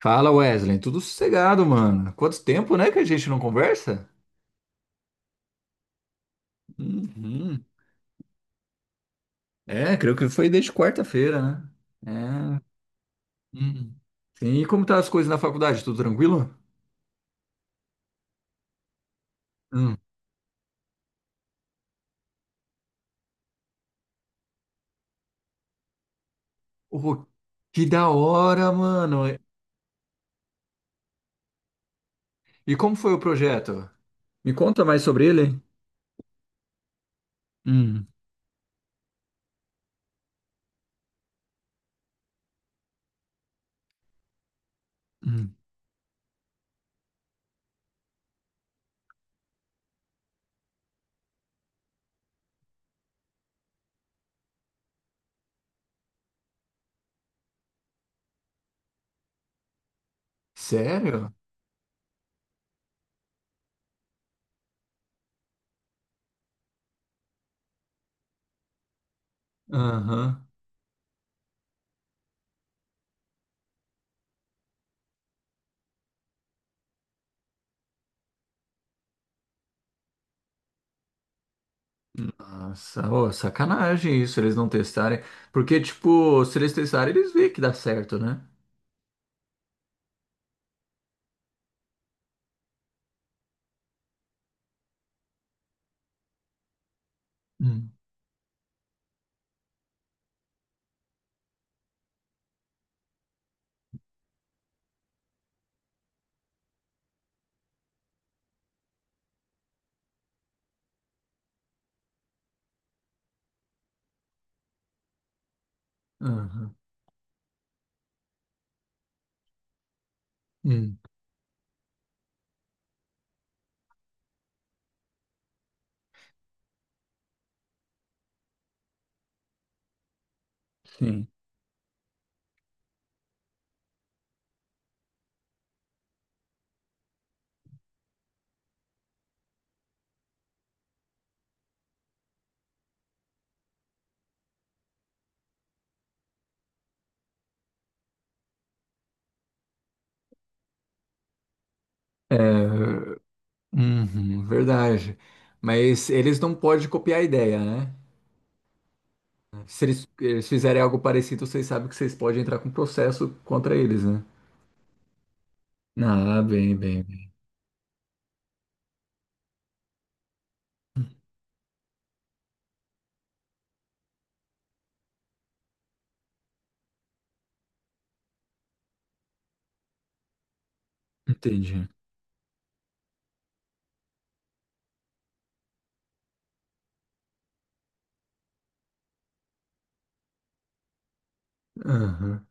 Fala Wesley, tudo sossegado, mano. Quanto tempo, né, que a gente não conversa? Uhum. É, creio que foi desde quarta-feira, né? É. Uhum. Sim, e como tá as coisas na faculdade? Tudo tranquilo? Hum. Oh, que da hora, mano. E como foi o projeto? Me conta mais sobre ele. Hum. Hum. Sério? Aham. Nossa, ô, sacanagem isso, eles não testarem. Porque, tipo, se eles testarem, eles veem que dá certo, né? Hum. Aham. Hum. Sim. É, uhum, verdade. Mas eles não podem copiar a ideia, né? Se eles fizerem algo parecido, vocês sabem que vocês podem entrar com um processo contra eles, né? Ah, bem, bem, bem. Entendi. Aham,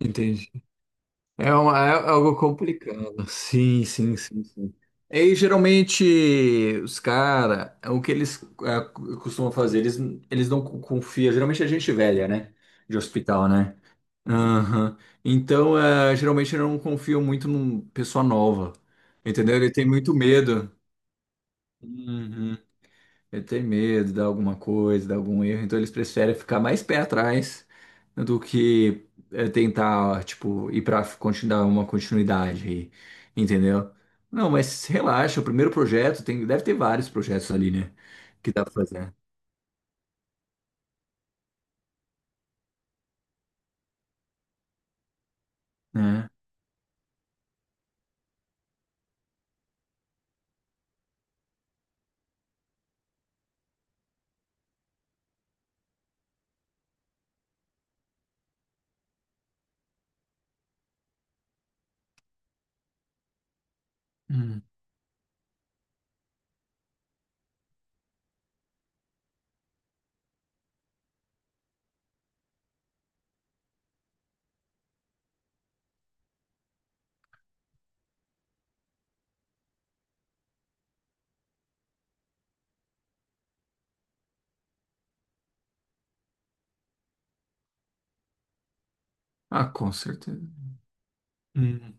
entendi. É, uma, é algo complicado. Sim, sim, sim, sim. E geralmente os caras, o que eles costumam fazer, eles não confiam. Geralmente é gente velha, né? De hospital, né? Aham. Então, é, geralmente eu não confio muito num pessoa nova. Entendeu? Ele tem muito medo. Uhum. Ele tem medo de alguma coisa, de algum erro. Então eles preferem ficar mais pé atrás do que tentar, tipo, ir pra continuar uma continuidade aí. Entendeu? Não, mas relaxa, o primeiro projeto tem, deve ter vários projetos ali, né? Que dá pra fazer. Né? Hum. Ah, com certeza. Hum.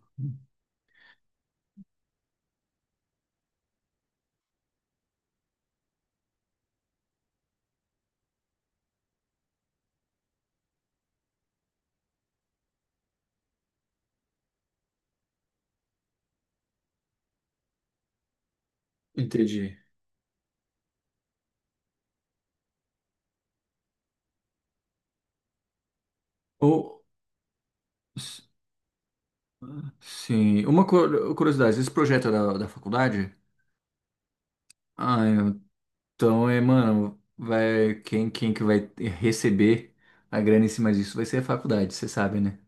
Entendi. Ou. Sim, uma curiosidade, esse projeto é da faculdade? Ah, então é, mano, vai, quem que vai receber a grana em cima disso vai ser a faculdade, você sabe, né?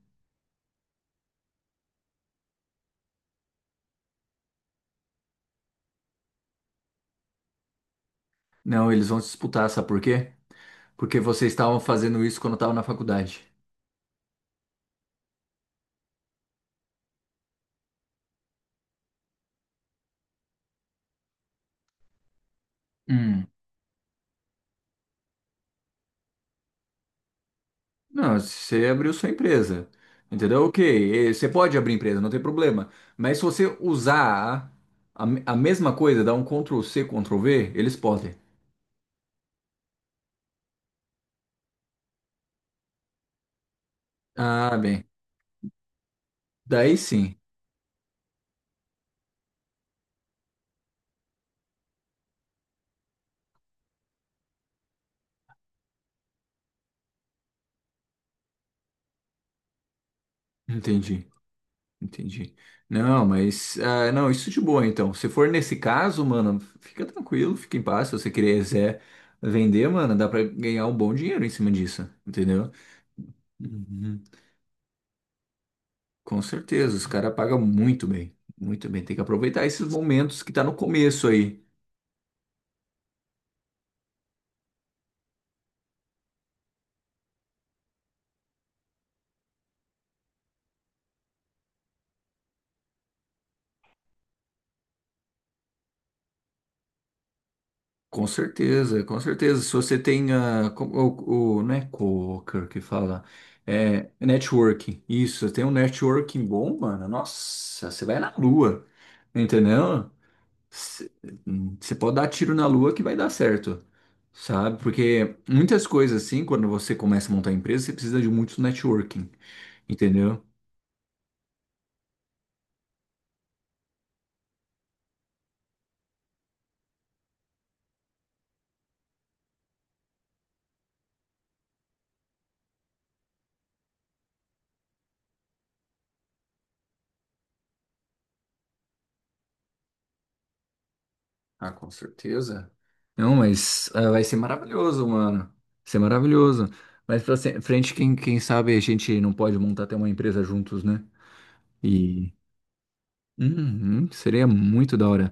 Não, eles vão disputar, sabe por quê? Porque vocês estavam fazendo isso quando eu na faculdade. Hum, Não, você abriu sua empresa, entendeu? Ok, você pode abrir empresa, não tem problema. Mas se você usar a, a mesma coisa, dar um Ctrl C, Ctrl V, eles podem. Ah, bem, daí sim, entendi. Entendi. Não, mas ah, não, isso de boa então. Se for nesse caso, mano, fica tranquilo, fica em paz. Se você quiser vender, mano, dá pra ganhar um bom dinheiro em cima disso, entendeu? Uhum. Com certeza, os caras pagam muito bem, muito bem. Tem que aproveitar esses momentos que tá no começo aí. Com certeza, com certeza. Se você tem não é coworker que fala, é networking. Isso, você tem um networking bom, mano. Nossa, você vai na lua, entendeu? Você pode dar tiro na lua que vai dar certo, sabe? Porque muitas coisas assim, quando você começa a montar empresa, você precisa de muito networking, entendeu? Ah, com certeza. Não, mas ah, vai ser maravilhoso, mano. Vai ser maravilhoso. Mas pra frente, quem sabe a gente não pode montar até uma empresa juntos, né? E Uhum, seria muito da hora.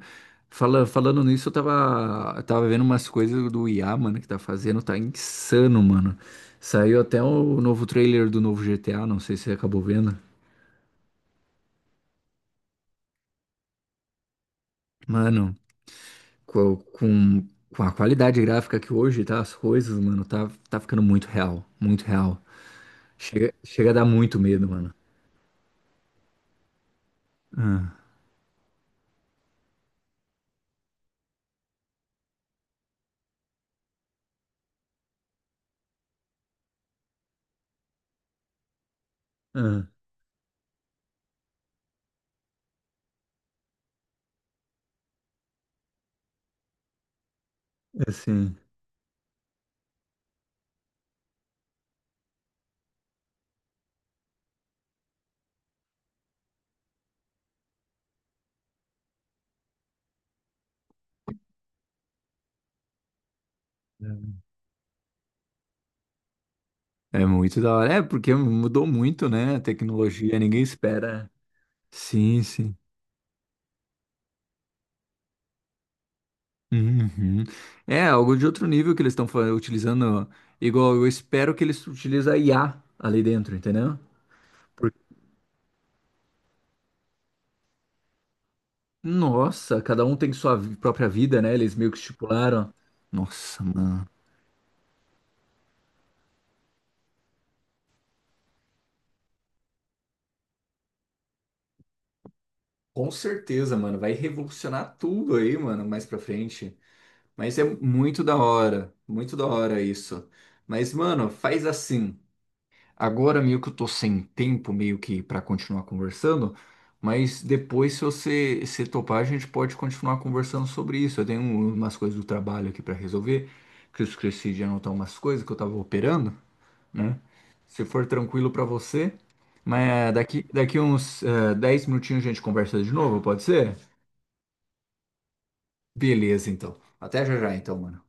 Falando nisso, eu tava vendo umas coisas do IA, mano, que tá fazendo, tá insano, mano. Saiu até o novo trailer do novo GTA, não sei se você acabou vendo. Mano, co- com, a qualidade gráfica que hoje tá as coisas, mano, tá ficando muito real, muito real. Chega, chega a dar muito medo, mano. Ah, ah, assim. É muito da hora. É, porque mudou muito, né? A tecnologia, ninguém espera. Sim, sim. Uhum. É algo de outro nível que eles estão utilizando. Igual eu espero que eles utilizem a IA ali dentro, entendeu? Por- Nossa, cada um tem sua própria vida, né? Eles meio que estipularam. Nossa, mano. Com certeza, mano. Vai revolucionar tudo aí, mano, mais pra frente. Mas é muito da hora. Muito da hora isso. Mas, mano, faz assim. Agora meio que eu tô sem tempo meio que para continuar conversando, mas depois se você se topar, a gente pode continuar conversando sobre isso. Eu tenho umas coisas do trabalho aqui para resolver, que eu esqueci de anotar umas coisas que eu tava operando, né? Se for tranquilo para você, mas daqui uns 10 minutinhos a gente conversa de novo, pode ser? Beleza, então. Até já já, então, mano.